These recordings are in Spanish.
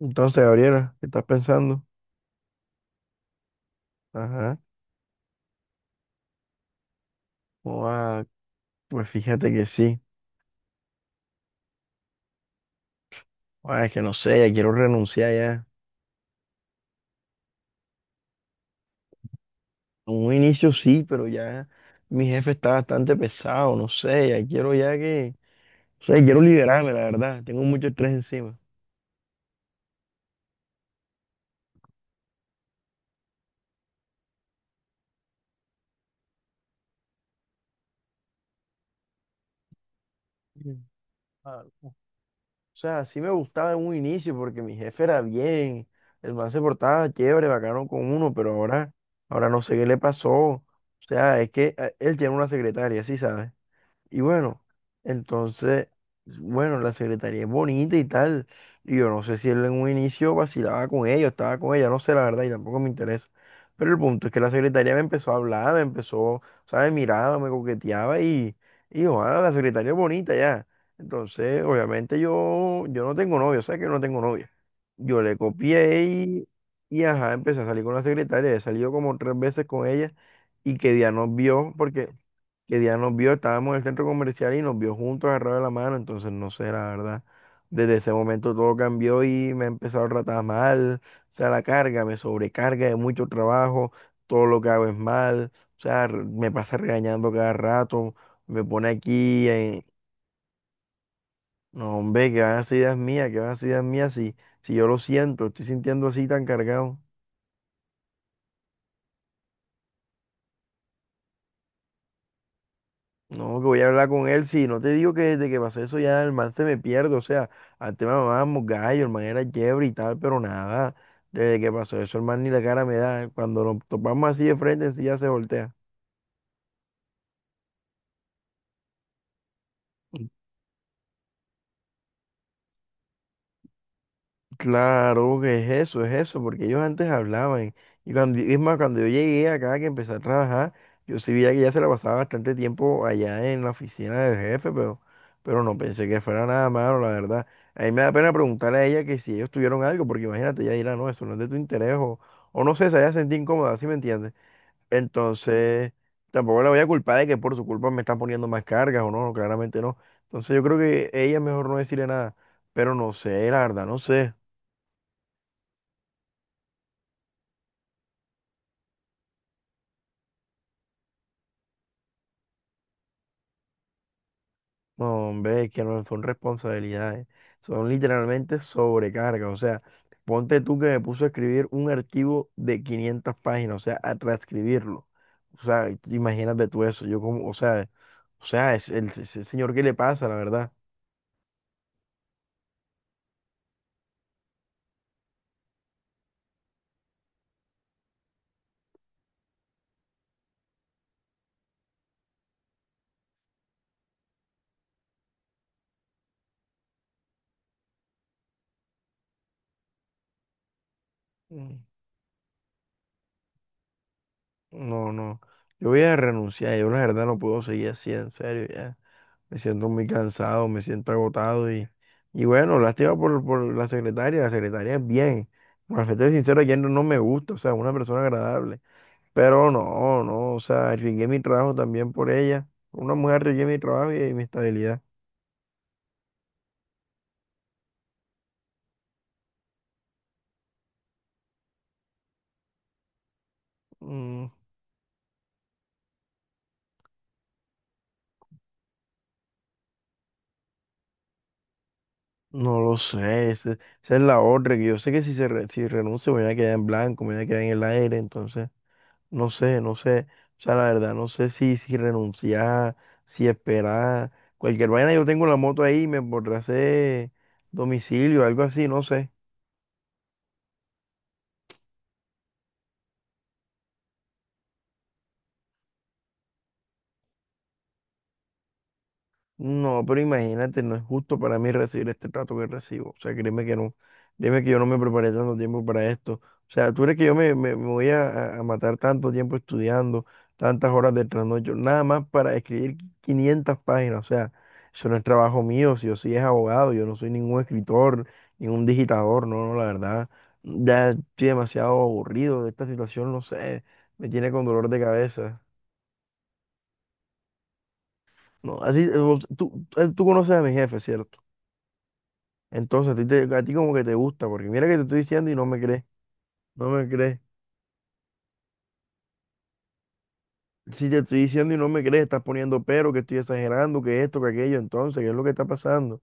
Entonces, Gabriela, ¿qué estás pensando? Ajá. Ua, pues fíjate que sí. Ua, es que no sé, ya quiero renunciar ya. En un inicio sí, pero ya mi jefe está bastante pesado, no sé, ya quiero ya que... O sea, quiero liberarme, la verdad. Tengo mucho estrés encima. Mm. Ah, o sea, sí me gustaba en un inicio porque mi jefe era bien, el man se portaba chévere, bacano con uno, pero ahora no sé qué le pasó. O sea, es que él tiene una secretaria, sí, ¿sabes? Y bueno, entonces, bueno, la secretaría es bonita y tal. Y yo no sé si él en un inicio vacilaba con ella, o estaba con ella, no sé la verdad y tampoco me interesa. Pero el punto es que la secretaria me empezó a hablar, ¿sabes? Miraba, me coqueteaba y ojalá la secretaria es bonita ya. Entonces, obviamente yo no tengo novio, ¿sabes que yo no tengo novia? Yo le copié y ajá, empecé a salir con la secretaria. He salido como tres veces con ella y que día nos vio porque que Diana nos vio, estábamos en el centro comercial y nos vio juntos agarrados de la mano, entonces no sé, la verdad. Desde ese momento todo cambió y me he empezado a tratar mal, o sea, la carga me sobrecarga de mucho trabajo, todo lo que hago es mal, o sea, me pasa regañando cada rato, me pone aquí, en... No, hombre, que van a ser ideas mías, que van a ser ideas mías, si yo lo siento, estoy sintiendo así tan cargado. No, que voy a hablar con él. Si no te digo que desde que pasó eso ya el man se me pierde. O sea, antes me mamábamos gallo, el man era chévere y tal, pero nada. Desde que pasó eso, el man ni la cara me da. Cuando nos topamos así de frente, sí ya se voltea. Claro que es eso, porque ellos antes hablaban. Y cuando, es más, cuando yo llegué acá, que empecé a trabajar, yo sí veía que ya se la pasaba bastante tiempo allá en la oficina del jefe, pero no pensé que fuera nada malo, la verdad. A mí me da pena preguntarle a ella que si ellos tuvieron algo, porque imagínate, ella dirá, no, eso no es de tu interés, o no sé, se haya sentido incómoda, ¿sí me entiendes? Entonces, tampoco la voy a culpar de que por su culpa me están poniendo más cargas, o no, no, claramente no. Entonces yo creo que ella es mejor no decirle nada, pero no sé, la verdad, no sé. No, hombre, es que no son responsabilidades, son literalmente sobrecargas. O sea, ponte tú que me puso a escribir un archivo de 500 páginas, o sea, a transcribirlo. O sea, imagínate tú eso. Yo como, o sea, es ese señor, ¿qué le pasa, la verdad? Mm, No, no. Yo voy a renunciar, yo la verdad no puedo seguir así, en serio, ya. Me siento muy cansado, me siento agotado y bueno, lástima por la secretaria es bien. Para ser sincero, ayer no, no me gusta, o sea, una persona agradable. Pero no, no, o sea, arriesgué mi trabajo también por ella. Una mujer arriesgué mi trabajo y, mi estabilidad. Mm, no lo sé, esa es la otra, que yo sé que si renuncio me voy a quedar en blanco, me voy a quedar en el aire, entonces... No sé, no sé. O sea, la verdad, no sé si renunciar, si esperar. Cualquier vaina, yo tengo la moto ahí, me podré hacer domicilio, algo así, no sé. No, pero imagínate, no es justo para mí recibir este trato que recibo. O sea, créeme que no, créeme que yo no me preparé tanto tiempo para esto. O sea, tú crees que yo me voy a matar tanto tiempo estudiando, tantas horas de trasnocho, nada más para escribir 500 páginas. O sea, eso no es trabajo mío, si yo sí es abogado, yo no soy ningún escritor, ningún digitador, no, no, la verdad. Ya estoy demasiado aburrido de esta situación, no sé, me tiene con dolor de cabeza. No, así, tú conoces a mi jefe, ¿cierto? Entonces, a ti, como que te gusta, porque mira que te estoy diciendo y no me crees, no me crees. Si te estoy diciendo y no me crees, estás poniendo pero, que estoy exagerando, que esto, que aquello, entonces, ¿qué es lo que está pasando?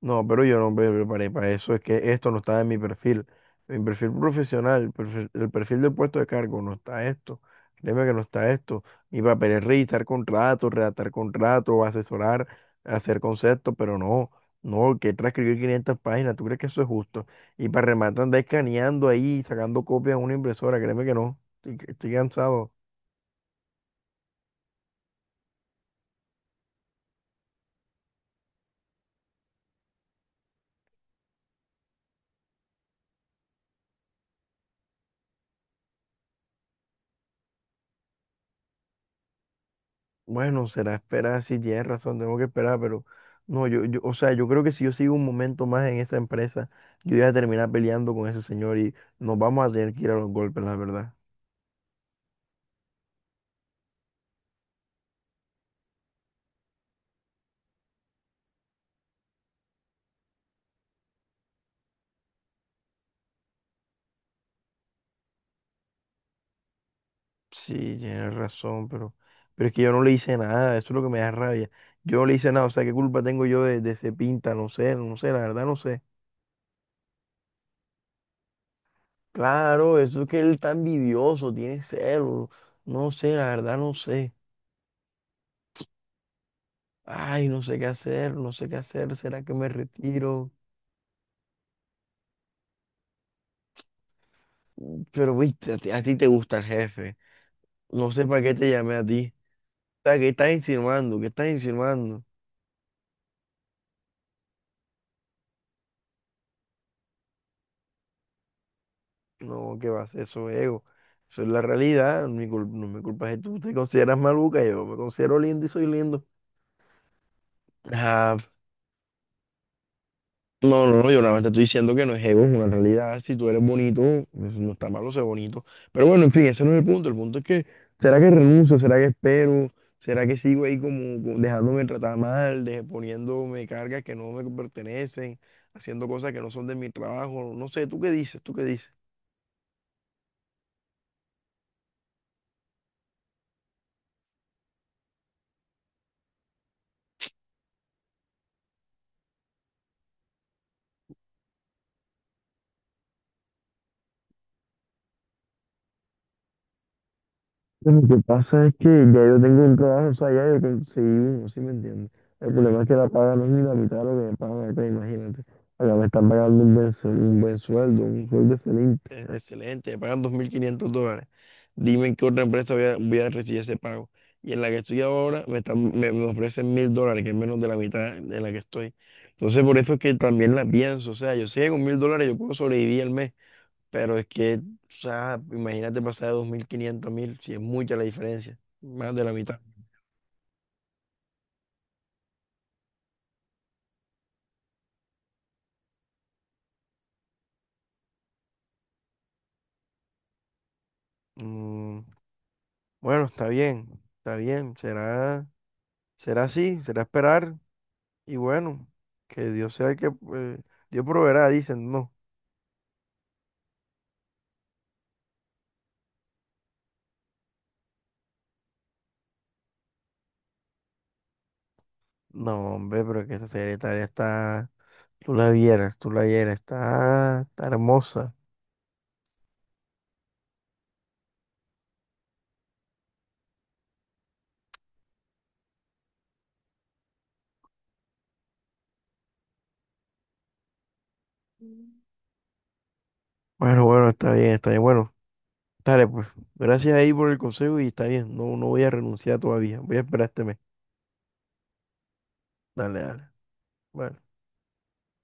No, pero yo no me preparé para eso. Es que esto no estaba en mi perfil. Mi perfil profesional, el perfil del puesto de cargo, no está esto. Créeme que no está esto. Mi papel es revisar contratos, redactar contratos, asesorar, hacer conceptos, pero no, no, que transcribir 500 páginas. ¿Tú crees que eso es justo? Y para rematar, andar escaneando ahí, sacando copias a una impresora. Créeme que no. Estoy cansado. Bueno, será esperar, si tienes razón, tengo que esperar, pero no, yo, o sea, yo creo que si yo sigo un momento más en esa empresa, yo voy a terminar peleando con ese señor y nos vamos a tener que ir a los golpes, la verdad. Sí, tienes razón, pero es que yo no le hice nada, eso es lo que me da rabia. Yo no le hice nada, o sea, ¿qué culpa tengo yo de ese pinta? No sé, no sé, la verdad no sé. Claro, eso es que él está envidioso, tiene celos, no sé, la verdad no sé. Ay, no sé qué hacer, no sé qué hacer, ¿será que me retiro? Pero, viste a ti, te gusta el jefe. No sé para qué te llamé a ti. O sea, ¿qué estás insinuando? ¿Qué estás insinuando? No, ¿qué vas? Eso es ego. Eso es la realidad. No me culpa si tú te consideras maluca. Yo me considero lindo y soy lindo. Ah, no, no, no, yo nada más te estoy diciendo que no es ego, es una realidad. Si tú eres bonito, pues, no está malo ser bonito. Pero bueno, en fin, ese no es el punto. El punto es que, ¿será que renuncio? ¿Será que espero? ¿Será que sigo ahí como dejándome tratar mal, poniéndome cargas que no me pertenecen, haciendo cosas que no son de mi trabajo? No sé, ¿tú qué dices? ¿Tú qué dices? Lo que pasa es que ya yo tengo un trabajo, o sea, ya yo conseguí uno, ¿sí me entiendes? El problema es que la paga no es ni la mitad de lo que me pagan acá, imagínate. Acá me están pagando un buen sueldo, un sueldo excelente, excelente, me pagan $2.500. Dime en qué otra empresa voy a recibir ese pago. Y en la que estoy ahora me ofrecen $1.000, que es menos de la mitad de la que estoy. Entonces por eso es que también la pienso, o sea, yo sé que con $1.000 yo puedo sobrevivir al mes. Pero es que, o sea, imagínate pasar de 2.500 a 1.000, si es mucha la diferencia, más de la mitad. Mm, bueno, está bien, será así, será esperar y bueno, que Dios sea el que, Dios proveerá, dicen, no. No, hombre, pero es que esa secretaria está, tú la vieras, está hermosa. Bueno, bueno, está bien, bueno, dale pues, gracias ahí por el consejo y está bien, no, no voy a renunciar todavía, voy a esperar este mes. Dale, dale. Bueno.